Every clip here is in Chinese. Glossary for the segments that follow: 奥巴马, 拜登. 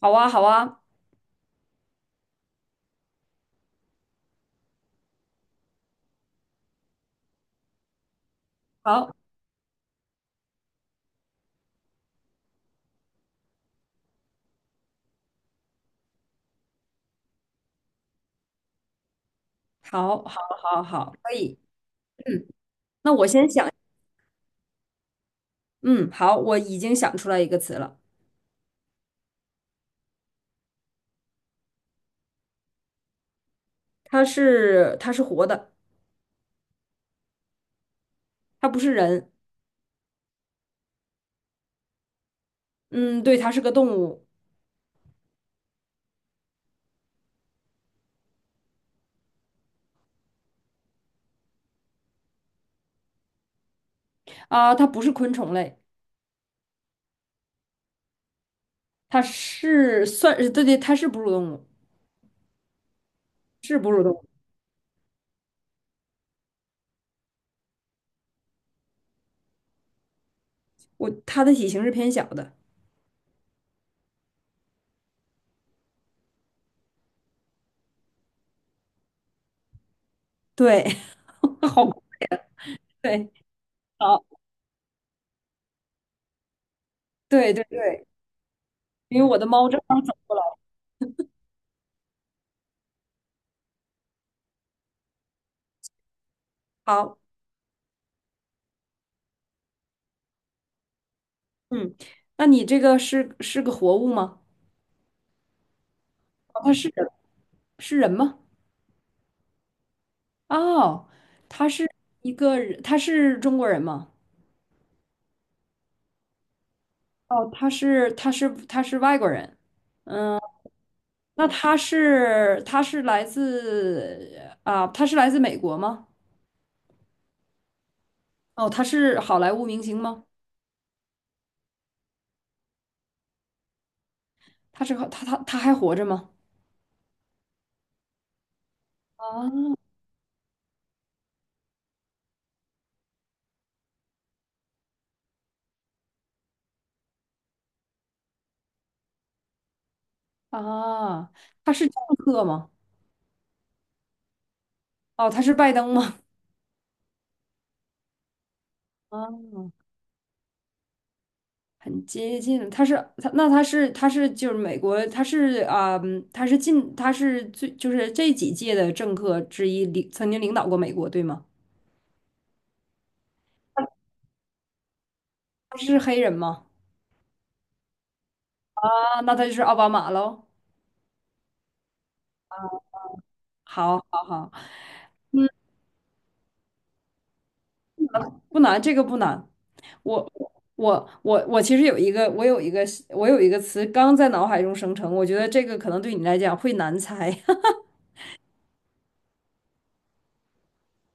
好啊，好啊，好，好，好，好，好，可以。嗯，那我先想，嗯，好，我已经想出来一个词了，它是活的，它不是人，嗯，对，它是个动物啊，它不是昆虫类，它是算，呃对对，它是哺乳动物，是哺乳动物，它的体型是偏小的，对，好，对，好，对对对，因为我的猫正好走过来，好，嗯，那你这个是个活物吗？啊它是人，是人吗？哦，他是一个人，他是中国人吗？哦，他是外国人。嗯，那他是来自，他是来自美国吗？哦，他是好莱坞明星吗？他是他他他还活着吗？啊啊，他是政客吗？哦，他是拜登吗？啊很接近，他就是美国，他是他是近他是最就是这几届的政客之一，曾经领导过美国，对吗？他是黑人吗？啊，那他就是奥巴马喽。好，好，好，不难，这个不难。我我其实有一个我有一个词刚在脑海中生成，我觉得这个可能对你来讲会难猜。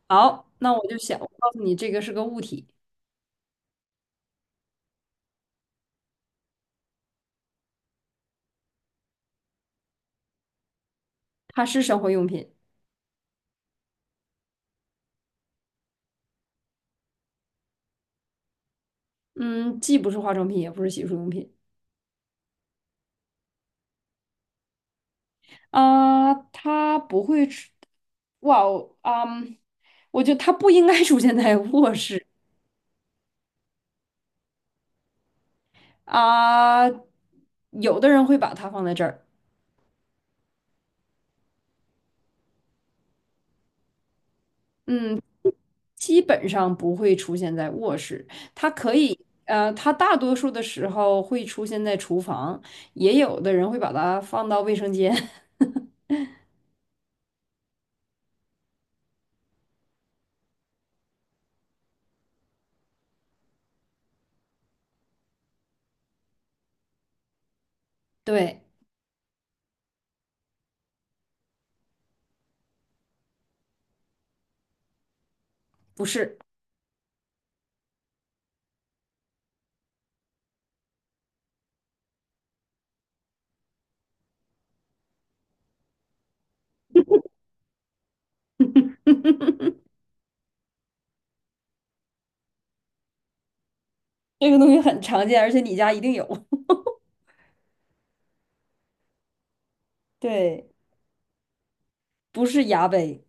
好，那我就想，我告诉你，这个是个物体，它是生活用品，嗯，既不是化妆品，也不是洗漱用品。啊，它不会出，哇哦，啊！我觉得它不应该出现在卧室啊。有的人会把它放在这儿，嗯，基本上不会出现在卧室。它可以，呃，它大多数的时候会出现在厨房，也有的人会把它放到卫生间。对，不是，这个东西很常见，而且你家一定有。对，不是牙杯，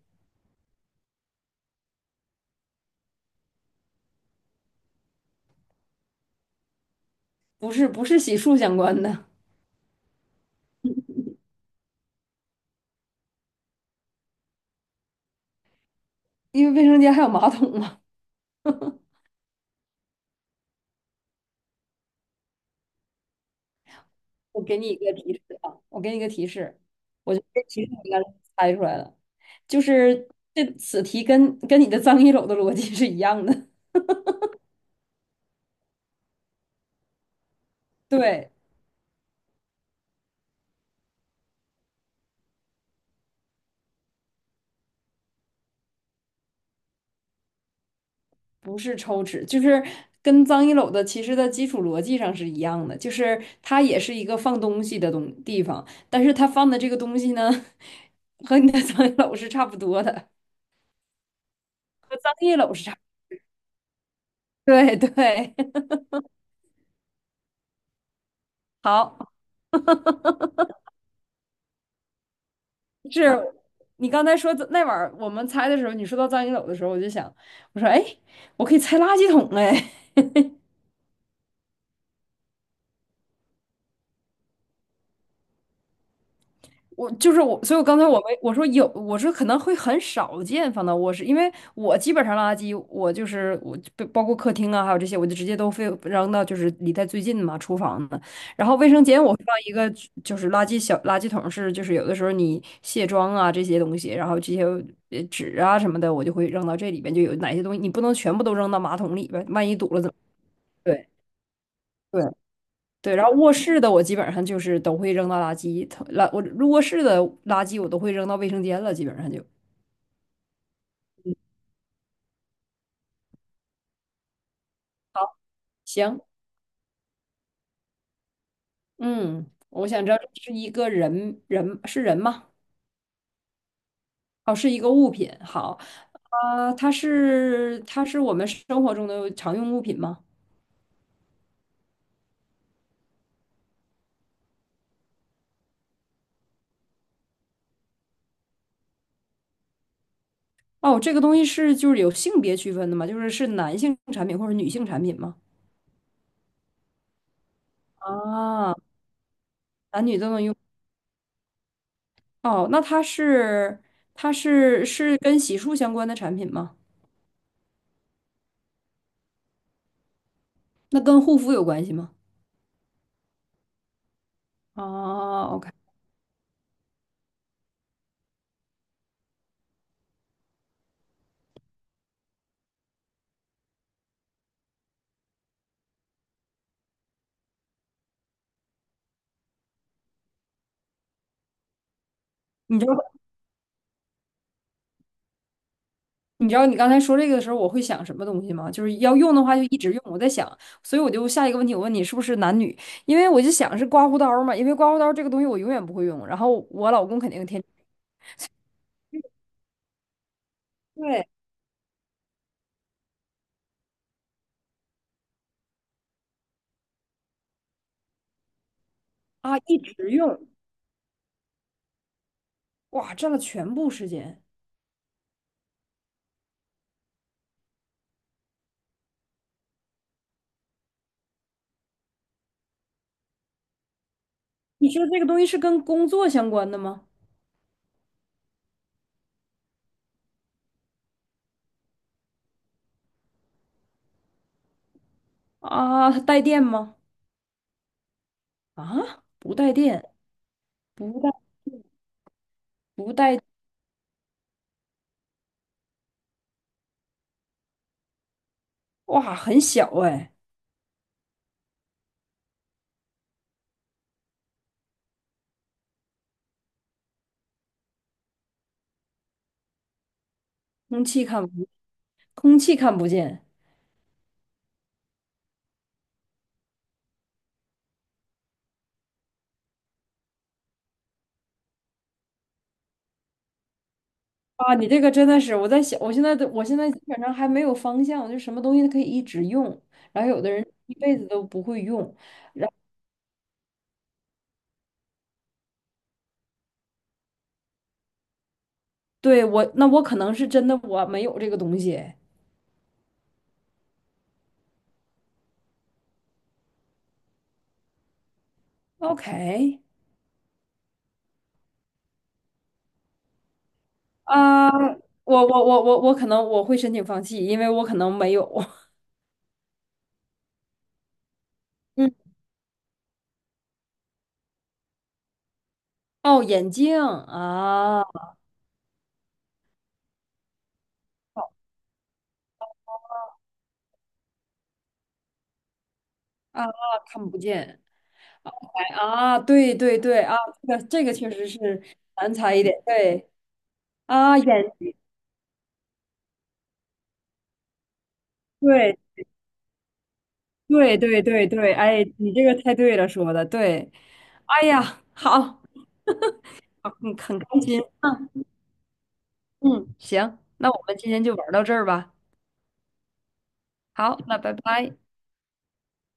不是不是洗漱相关的，因为卫生间还有马桶嘛。我给你一个提示啊，我给你一个提示，我觉得这提示你应该猜出来了，就是这此题跟你的脏衣篓的逻辑是一样的，对，不是抽纸，就是跟脏衣篓的其实的基础逻辑上是一样的，就是它也是一个放东西的东地方，但是它放的这个东西呢，和你的 脏衣篓是差不多的，脏衣篓是差，对对，好。是你刚才说那晚儿我们猜的时候，你说到藏经斗的时候，我就想，我说哎，我可以猜垃圾桶哎，我就是我，所以我刚才我没我说有，我说可能会很少见放到卧室，因为我基本上垃圾，我就包括客厅啊，还有这些，我就直接都非扔到就是离它最近嘛厨房的。然后卫生间我会放一个就是垃圾小垃圾桶是，就是有的时候你卸妆啊这些东西，然后这些纸啊什么的，我就会扔到这里边，就有哪些东西你不能全部都扔到马桶里边，万一堵了怎么？对。对对，然后卧室的我基本上就是都会扔到垃圾桶，我入卧室的垃圾我都会扔到卫生间了，基本上就行。嗯，我想知道这是一个人是人吗？哦，是一个物品。好，它是我们生活中的常用物品吗？哦，这个东西是就是有性别区分的吗？就是是男性产品或者女性产品吗？啊，男女都能用。哦，那它是跟洗漱相关的产品吗？那跟护肤有关系吗？哦，OK,你知道你知道你刚才说这个的时候，我会想什么东西吗？就是要用的话就一直用。我在想，所以我就下一个问题，我问你是不是男女？因为我就想是刮胡刀儿嘛，因为刮胡刀儿这个东西我永远不会用，然后我老公肯定天对啊一直用，哇，占了全部时间。你说这个东西是跟工作相关的吗？啊，它带电吗？啊，不带电，不带不带，哇，很小哎，空气看不，空气看不见。啊，你这个真的是，我在想，我现在基本上还没有方向，我就什么东西都可以一直用，然后有的人一辈子都不会用。对，我，那我可能是真的我没有这个东西。OK,啊，我我可能我会申请放弃，因为我可能没有。嗯，哦，眼镜啊啊，看不见。哎啊，对对对啊，这个确实是难猜一点。对啊，对。对对对对，哎，你这个太对了，说的对。哎呀，好，好嗯，很开心。嗯嗯，行，那我们今天就玩到这儿吧。好，那拜拜。